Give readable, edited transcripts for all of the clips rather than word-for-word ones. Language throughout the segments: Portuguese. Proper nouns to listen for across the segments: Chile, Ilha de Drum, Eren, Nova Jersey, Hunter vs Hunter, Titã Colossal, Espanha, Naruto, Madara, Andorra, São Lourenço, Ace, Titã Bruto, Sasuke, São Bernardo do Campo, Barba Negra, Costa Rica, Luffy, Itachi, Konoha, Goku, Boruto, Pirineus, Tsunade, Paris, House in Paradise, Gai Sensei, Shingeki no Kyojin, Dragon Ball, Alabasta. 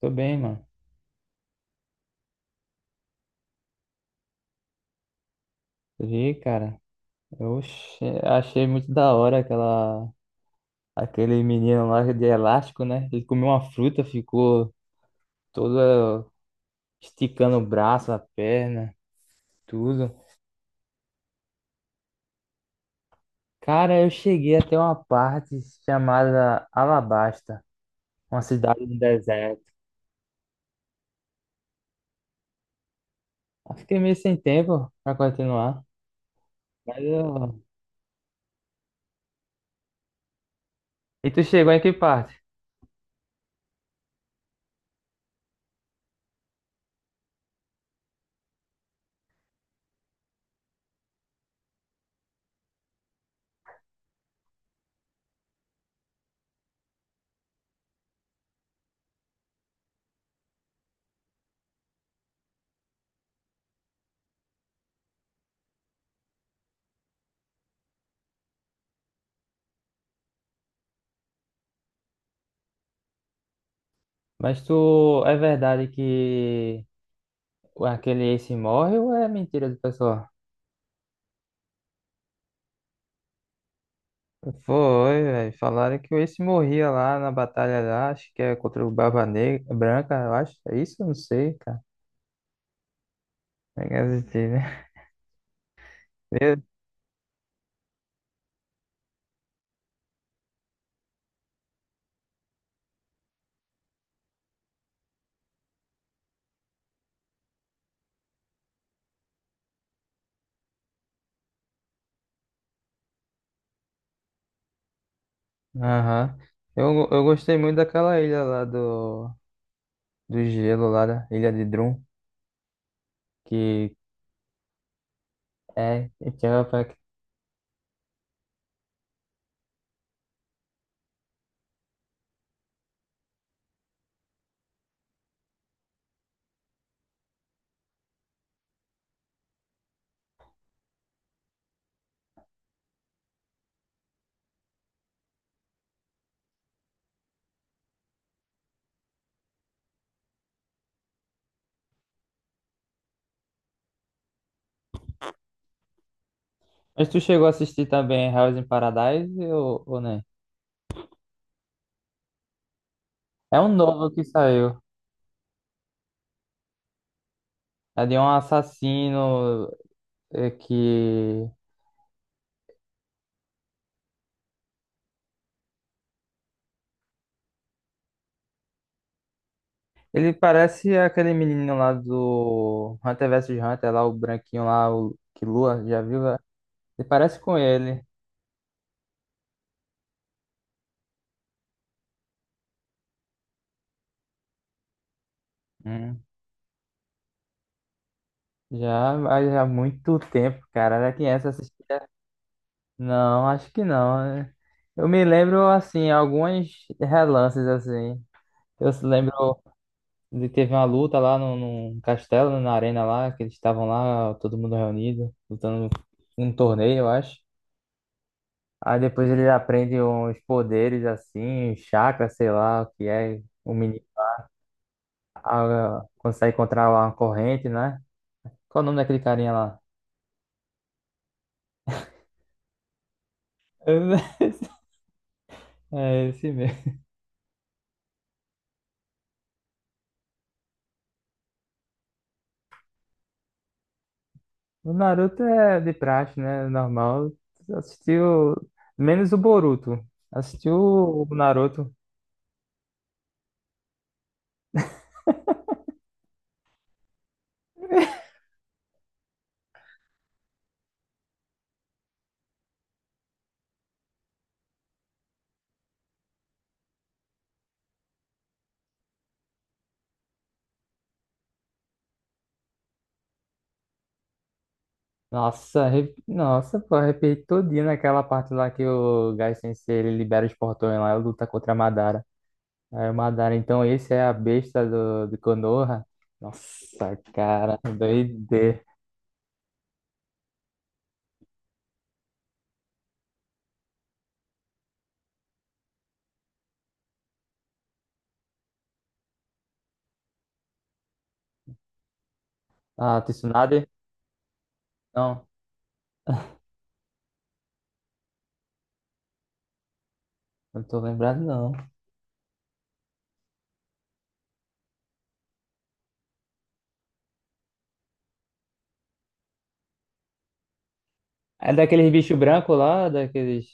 Tô bem, mano. Vi, cara. Achei muito da hora aquele menino lá de elástico, né? Ele comeu uma fruta, ficou todo esticando o braço, a perna, tudo. Cara, eu cheguei até uma parte chamada Alabasta, uma cidade no deserto. Eu fiquei meio sem tempo pra continuar. Mas eu... E tu chegou em que parte? Mas tu... É verdade que aquele Ace morre ou é mentira do pessoal? Foi, velho. Falaram que o Ace morria lá na batalha lá, acho que é contra o Barba Negra, Branca, eu acho. É isso? Eu não sei, cara. É que assistir, né? Eu- Aham. Eu gostei muito daquela ilha lá do gelo, lá da Ilha de Drum, que é. que é pra- Mas tu chegou a assistir também House in Paradise ou nem... É um novo que saiu. É de um assassino é, que... Ele parece aquele menino lá do Hunter vs Hunter, lá o branquinho lá, o que Lua, já viu, velho? Ele parece com ele. Hum. Já, mas há muito tempo, cara. Era criança, assistia. Não, acho que não, né? Eu me lembro, assim, alguns relances, assim. Eu se lembro de teve uma luta lá no, num castelo, né, na arena lá, que eles estavam lá, todo mundo reunido, lutando num torneio, eu acho. Aí depois ele aprende uns poderes assim, um chakra, sei lá o que é. O menino, ah, consegue controlar uma corrente, né? Qual o nome daquele carinha lá? É esse mesmo. O Naruto é de praxe, né? Normal. Assistiu. Menos o Boruto. Assistiu o Naruto. Nossa, pô, arrepiei todinho naquela parte lá que o Gai Sensei ele libera os portões lá e luta contra a Madara. É, Madara, então esse é a besta de Konoha? Nossa, cara, doideira. Ah, Tsunade? Não, não tô lembrado, não. É daqueles bichos brancos lá, daqueles...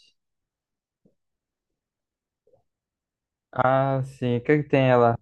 Ah, sim, o que é que tem ela?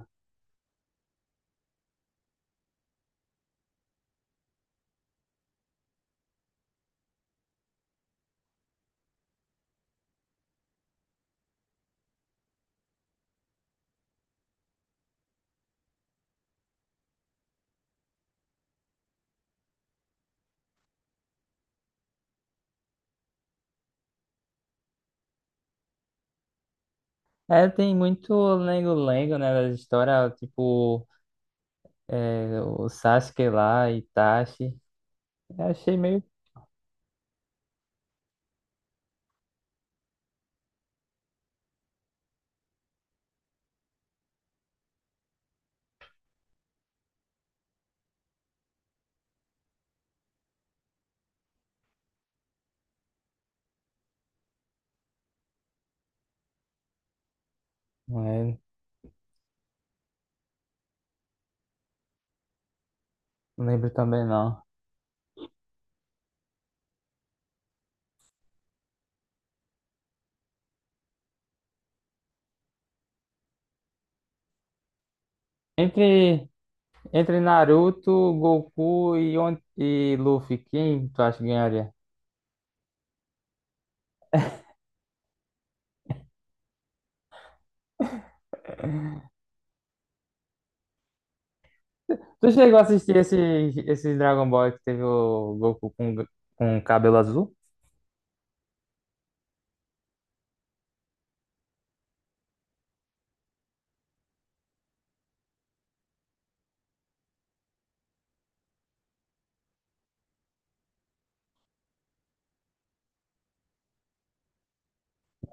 É, tem muito lengo-lengo, né, das histórias, tipo, é, o Sasuke lá, Itachi. Eu achei meio... Não, é, não lembro também, não. Entre, entre Naruto, Goku e, On- e Luffy, quem tu acha que ganharia? Tu chegou a assistir esse, esse Dragon Ball que teve o Goku com cabelo azul?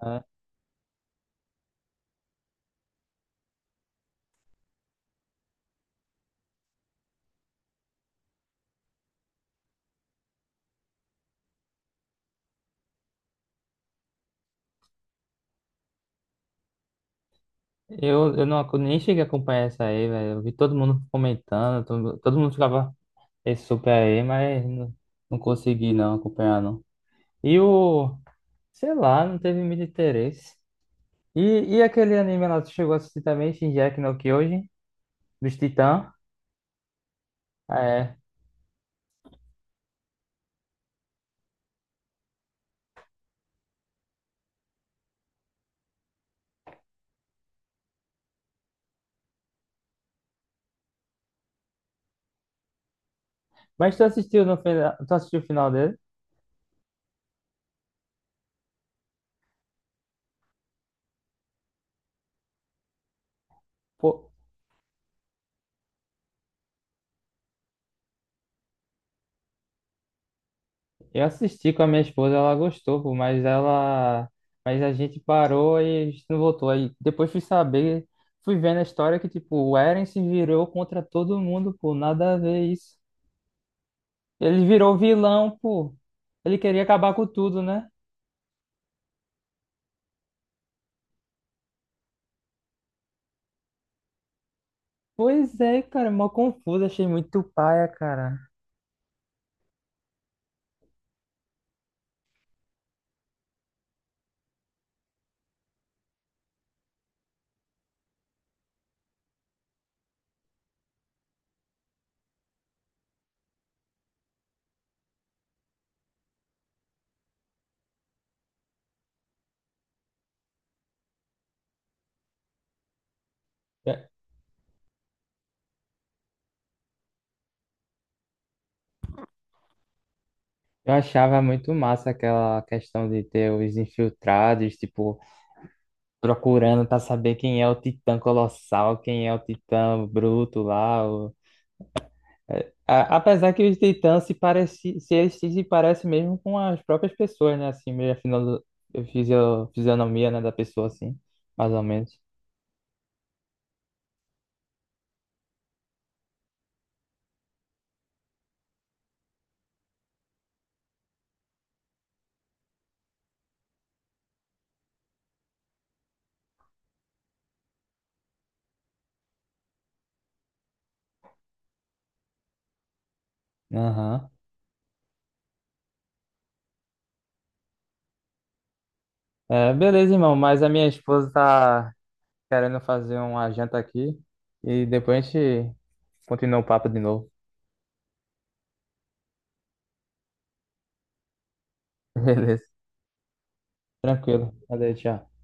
É. Eu não, ac- nem cheguei a acompanhar isso aí, velho. Eu vi todo mundo comentando, todo, todo mundo ficava esse super aí, mas não, não consegui não acompanhar, não. E o, sei lá, não teve muito interesse. E, e aquele anime lá, tu chegou a assistir também, Shingeki no Kyojin, dos Titãs? É. Mas tu assistiu no final, tu assistiu o final dele? Pô, eu assisti com a minha esposa, ela gostou, pô, mas ela... Mas a gente parou e a gente não voltou. Aí depois fui saber, fui vendo a história que, tipo, o Eren se virou contra todo mundo, pô, nada a ver isso. Ele virou vilão, pô. Ele queria acabar com tudo, né? Pois é, cara, mó confuso, achei muito paia, cara. Eu eu achava muito massa aquela questão de ter os infiltrados, tipo, procurando pra saber quem é o Titã Colossal, quem é o Titã Bruto lá. A- Apesar que os titãs se parecem, se eles se parecem mesmo com as próprias pessoas, né? Assim, meio a fisionomia, né, da pessoa, assim, mais ou menos. Aham. É, beleza, irmão, mas a minha esposa tá querendo fazer uma janta aqui e depois a gente continua o papo de novo. Beleza, tranquilo. Valeu, tchau.